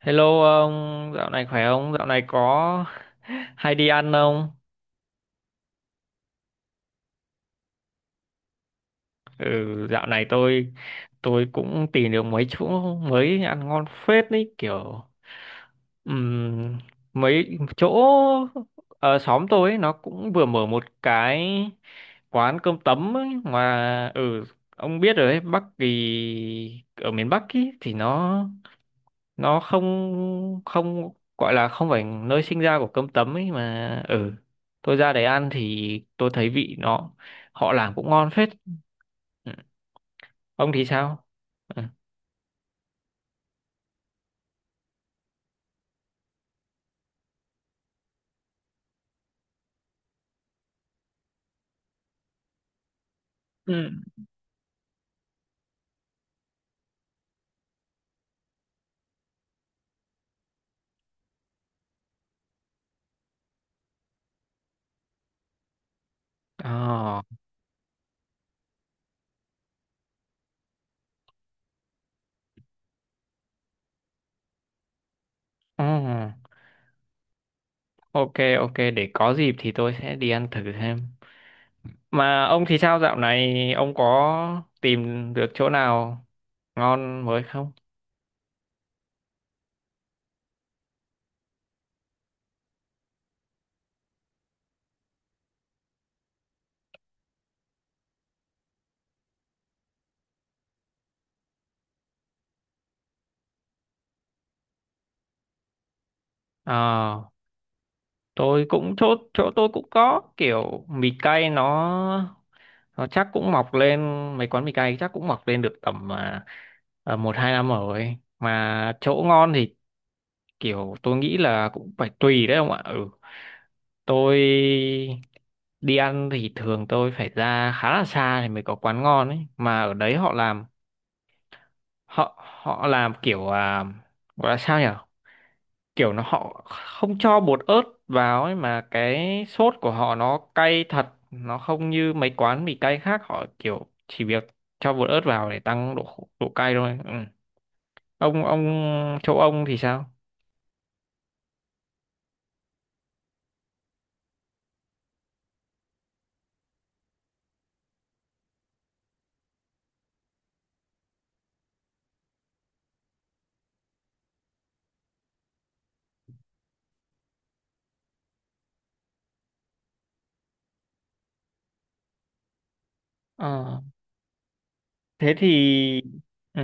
Hello ông, dạo này khỏe không? Dạo này có hay đi ăn không? Ừ, dạo này tôi cũng tìm được mấy chỗ mới ăn ngon phết đấy, kiểu ừm, mấy chỗ ở xóm tôi ấy, nó cũng vừa mở một cái quán cơm tấm ấy. Mà ông biết rồi đấy. Bắc thì Ở miền Bắc ý, thì nó không không gọi là không phải nơi sinh ra của cơm tấm ấy. Mà tôi ra đấy ăn thì tôi thấy vị nó, họ làm cũng ngon phết. Ừ. Ông thì sao? Ừ. Ừ. Ờ, ừ. Ok, ok, để có dịp thì tôi sẽ đi ăn thử xem. Mà ông thì sao, dạo này ông có tìm được chỗ nào ngon mới không? Ờ, tôi cũng chỗ chỗ tôi cũng có kiểu mì cay. Nó chắc cũng mọc lên, mấy quán mì cay chắc cũng mọc lên được tầm 1-2 năm rồi. Mà chỗ ngon thì kiểu tôi nghĩ là cũng phải tùy đấy, ông ạ. Ừ tôi đi ăn thì thường tôi phải ra khá là xa thì mới có quán ngon ấy. Mà ở đấy họ họ làm kiểu gọi là sao nhỉ, kiểu nó họ không cho bột ớt vào ấy, mà cái sốt của họ nó cay thật. Nó không như mấy quán mì cay khác, họ kiểu chỉ việc cho bột ớt vào để tăng độ cay thôi. Ừ. ông Châu, ông thì sao? Ờ, thế thì ừ.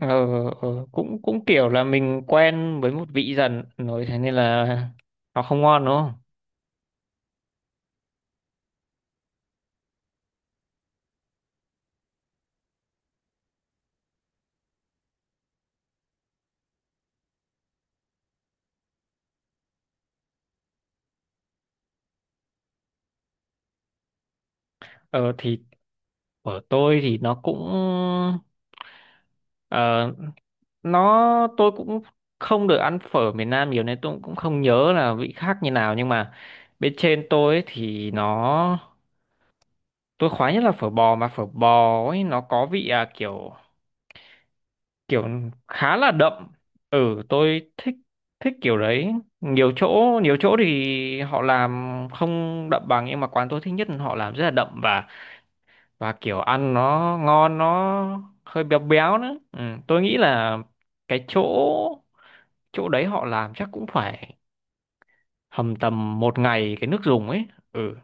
ờ, cũng cũng kiểu là mình quen với một vị dần rồi, thế nên là nó không ngon đúng không? Ờ thì của tôi thì nó cũng ờ, tôi cũng không được ăn phở miền Nam nhiều nên tôi cũng không nhớ là vị khác như nào. Nhưng mà bên trên tôi ấy thì tôi khoái nhất là phở bò. Mà phở bò ấy nó có vị kiểu kiểu khá là đậm. Tôi thích thích kiểu đấy. Nhiều chỗ, nhiều chỗ thì họ làm không đậm bằng, nhưng mà quán tôi thích nhất là họ làm rất là đậm, và kiểu ăn nó ngon, nó hơi béo béo nữa. Ừ. Tôi nghĩ là cái chỗ chỗ đấy họ làm chắc cũng phải hầm tầm một ngày cái nước dùng ấy. ừ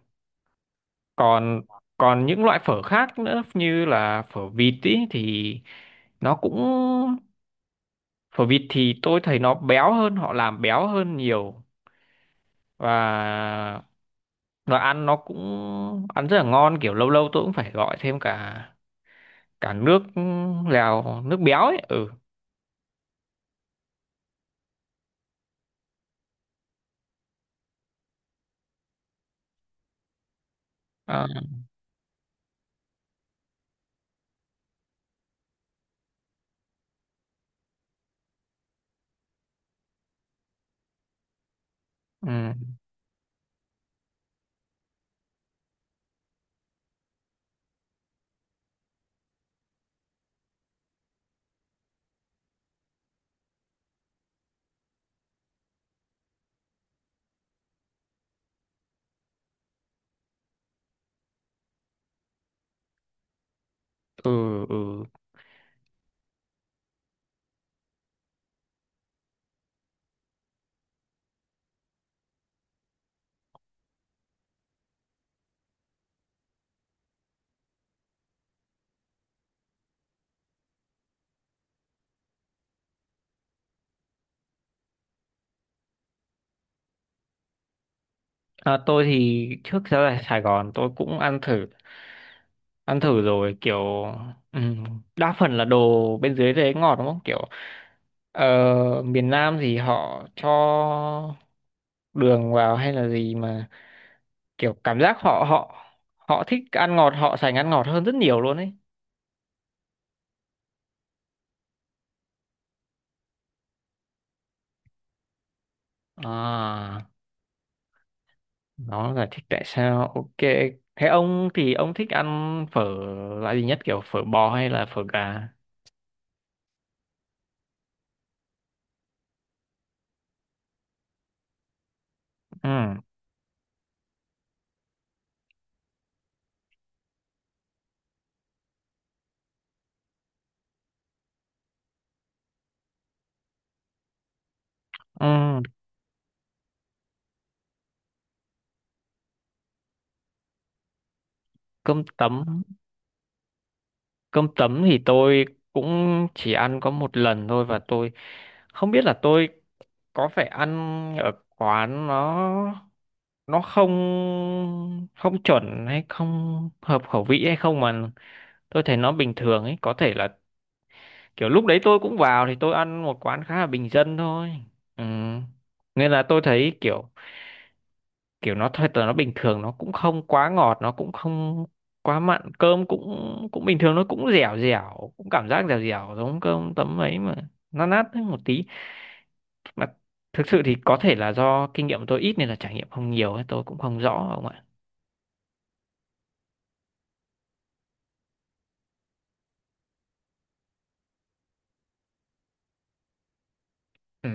còn còn những loại phở khác nữa, như là phở vịt ý, thì nó cũng phở vịt thì tôi thấy nó béo hơn, họ làm béo hơn nhiều. Và nó cũng ăn rất là ngon, kiểu lâu lâu tôi cũng phải gọi thêm cả cả nước lèo nước béo ấy. Ừ. À. Ừ, ừ, ừ. À, tôi thì trước giờ ở Sài Gòn tôi cũng ăn thử rồi. Kiểu ừ, đa phần là đồ bên dưới đấy ngọt đúng không? Kiểu ờ, miền Nam thì họ cho đường vào hay là gì mà, kiểu cảm giác họ họ họ thích ăn ngọt, họ sành ăn ngọt hơn rất nhiều luôn ấy. À, nó giải thích tại sao. Ok, thế ông thích ăn phở loại gì nhất, kiểu phở bò hay là phở gà? Ừ, ừ. cơm tấm Cơm tấm thì tôi cũng chỉ ăn có một lần thôi và tôi không biết là tôi có phải ăn ở quán nó không không chuẩn hay không hợp khẩu vị hay không mà, tôi thấy nó bình thường ấy. Có thể là kiểu lúc đấy tôi cũng vào thì tôi ăn một quán khá là bình dân thôi. Ừ. Nên là tôi thấy kiểu kiểu nó thật là nó bình thường, nó cũng không quá ngọt, nó cũng không quá mặn, cơm cũng cũng bình thường, nó cũng dẻo dẻo, cũng cảm giác dẻo dẻo giống cơm tấm ấy mà nó nát hơn một tí. Mà thực sự thì có thể là do kinh nghiệm tôi ít nên là trải nghiệm không nhiều ấy, tôi cũng không rõ ông ạ. Ừ.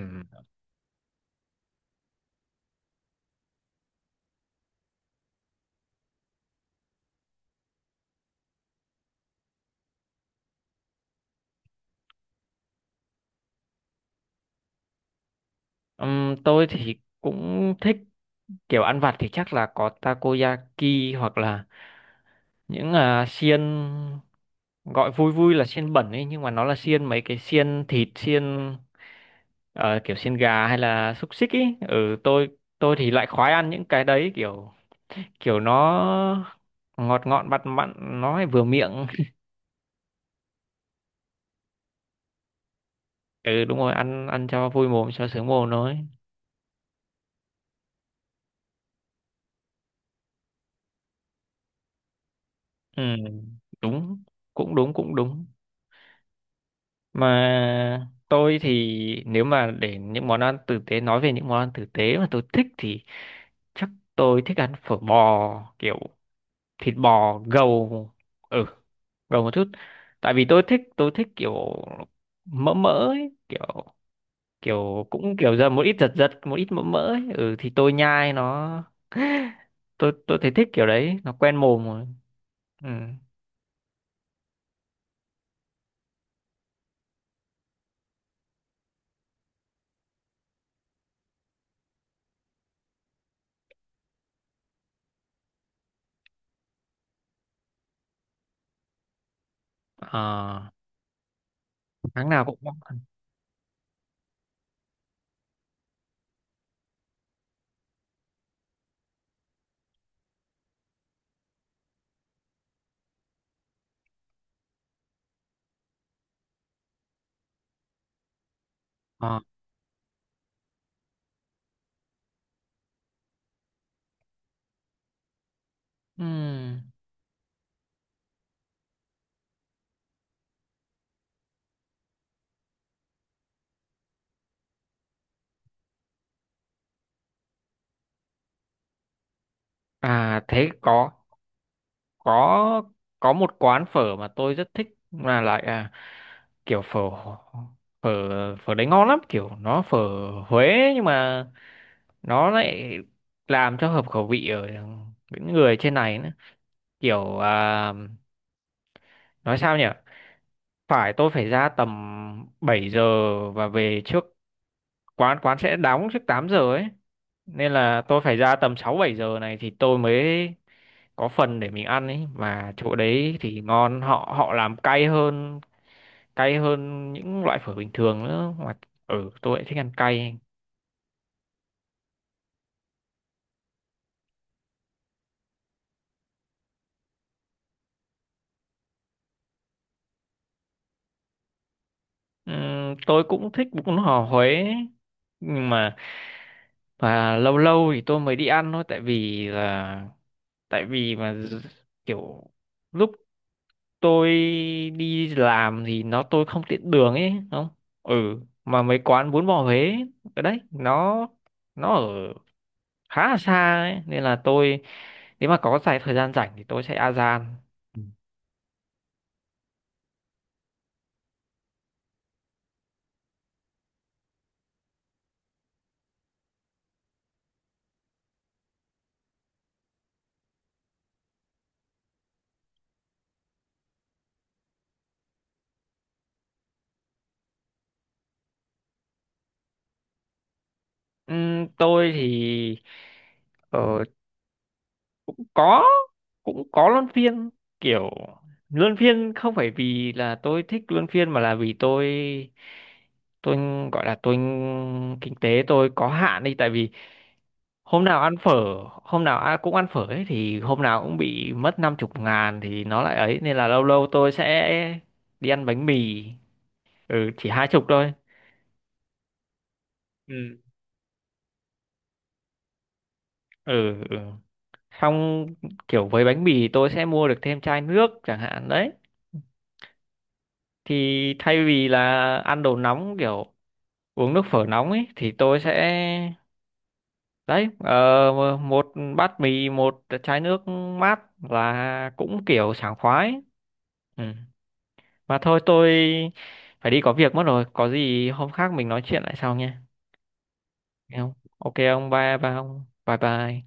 Tôi thì cũng thích kiểu ăn vặt thì chắc là có takoyaki, hoặc là những xiên, gọi vui vui là xiên bẩn ấy, nhưng mà nó là xiên mấy cái xiên thịt, xiên. Ờ, kiểu xiên gà hay là xúc xích ý. Ừ, tôi thì lại khoái ăn những cái đấy, kiểu kiểu nó ngọt ngọt mặn mặn, nó lại vừa miệng. Ừ, đúng rồi, ăn ăn cho vui mồm, cho sướng mồm thôi. Ừ, đúng, cũng đúng, cũng đúng. Mà tôi thì, nếu mà để những món ăn tử tế nói về những món ăn tử tế mà tôi thích thì chắc tôi thích ăn phở bò, kiểu thịt bò gầu. ừ Gầu một chút, tại vì tôi thích kiểu mỡ mỡ ấy, kiểu kiểu cũng kiểu dầm một ít, giật giật một ít mỡ mỡ ấy. Ừ thì tôi nhai nó tôi thấy thích kiểu đấy, nó quen mồm rồi. Ừ. À, tháng nào cũng có ăn. Ờ, ừm. À, thế có, có có một quán phở mà tôi rất thích. Là lại kiểu phở phở phở đấy ngon lắm, kiểu nó phở Huế, nhưng mà nó lại làm cho hợp khẩu vị ở những người trên này nữa. Kiểu nói sao nhỉ, tôi phải ra tầm 7 giờ và về trước, quán quán sẽ đóng trước 8 giờ ấy. Nên là tôi phải ra tầm 6-7 giờ này thì tôi mới có phần để mình ăn ấy. Mà chỗ đấy thì ngon, họ họ làm cay hơn, cay hơn những loại phở bình thường nữa mà. Ừ, tôi lại thích ăn cay. Tôi cũng thích bún bò Huế ấy. Nhưng mà Và lâu lâu thì tôi mới đi ăn thôi, tại vì là tại vì mà d- kiểu lúc tôi đi làm thì tôi không tiện đường ấy không. ừ mà mấy quán bún bò Huế ở đấy nó ở khá là xa ấy, nên là tôi nếu mà có dài thời gian rảnh thì tôi sẽ a gian. Tôi thì ờ, có cũng có luân phiên. Kiểu luân phiên không phải vì là tôi thích luân phiên mà là vì tôi gọi là tôi kinh tế tôi có hạn đi. Tại vì hôm nào ăn phở hôm nào ăn cũng ăn phở ấy thì hôm nào cũng bị mất 50.000 thì nó lại ấy. Nên là lâu lâu tôi sẽ đi ăn bánh mì, chỉ 20 thôi. Ừ. Ừ, ừ. Xong kiểu với bánh mì tôi sẽ mua được thêm chai nước chẳng hạn đấy. Thì thay vì là ăn đồ nóng, kiểu uống nước phở nóng ấy, thì tôi sẽ đấy, một bát mì một chai nước mát là cũng kiểu sảng khoái. Ừ. Mà thôi tôi phải đi có việc mất rồi, có gì hôm khác mình nói chuyện lại sau nha. Nghe không? Ok ông, bye bye. Ông, bye bye.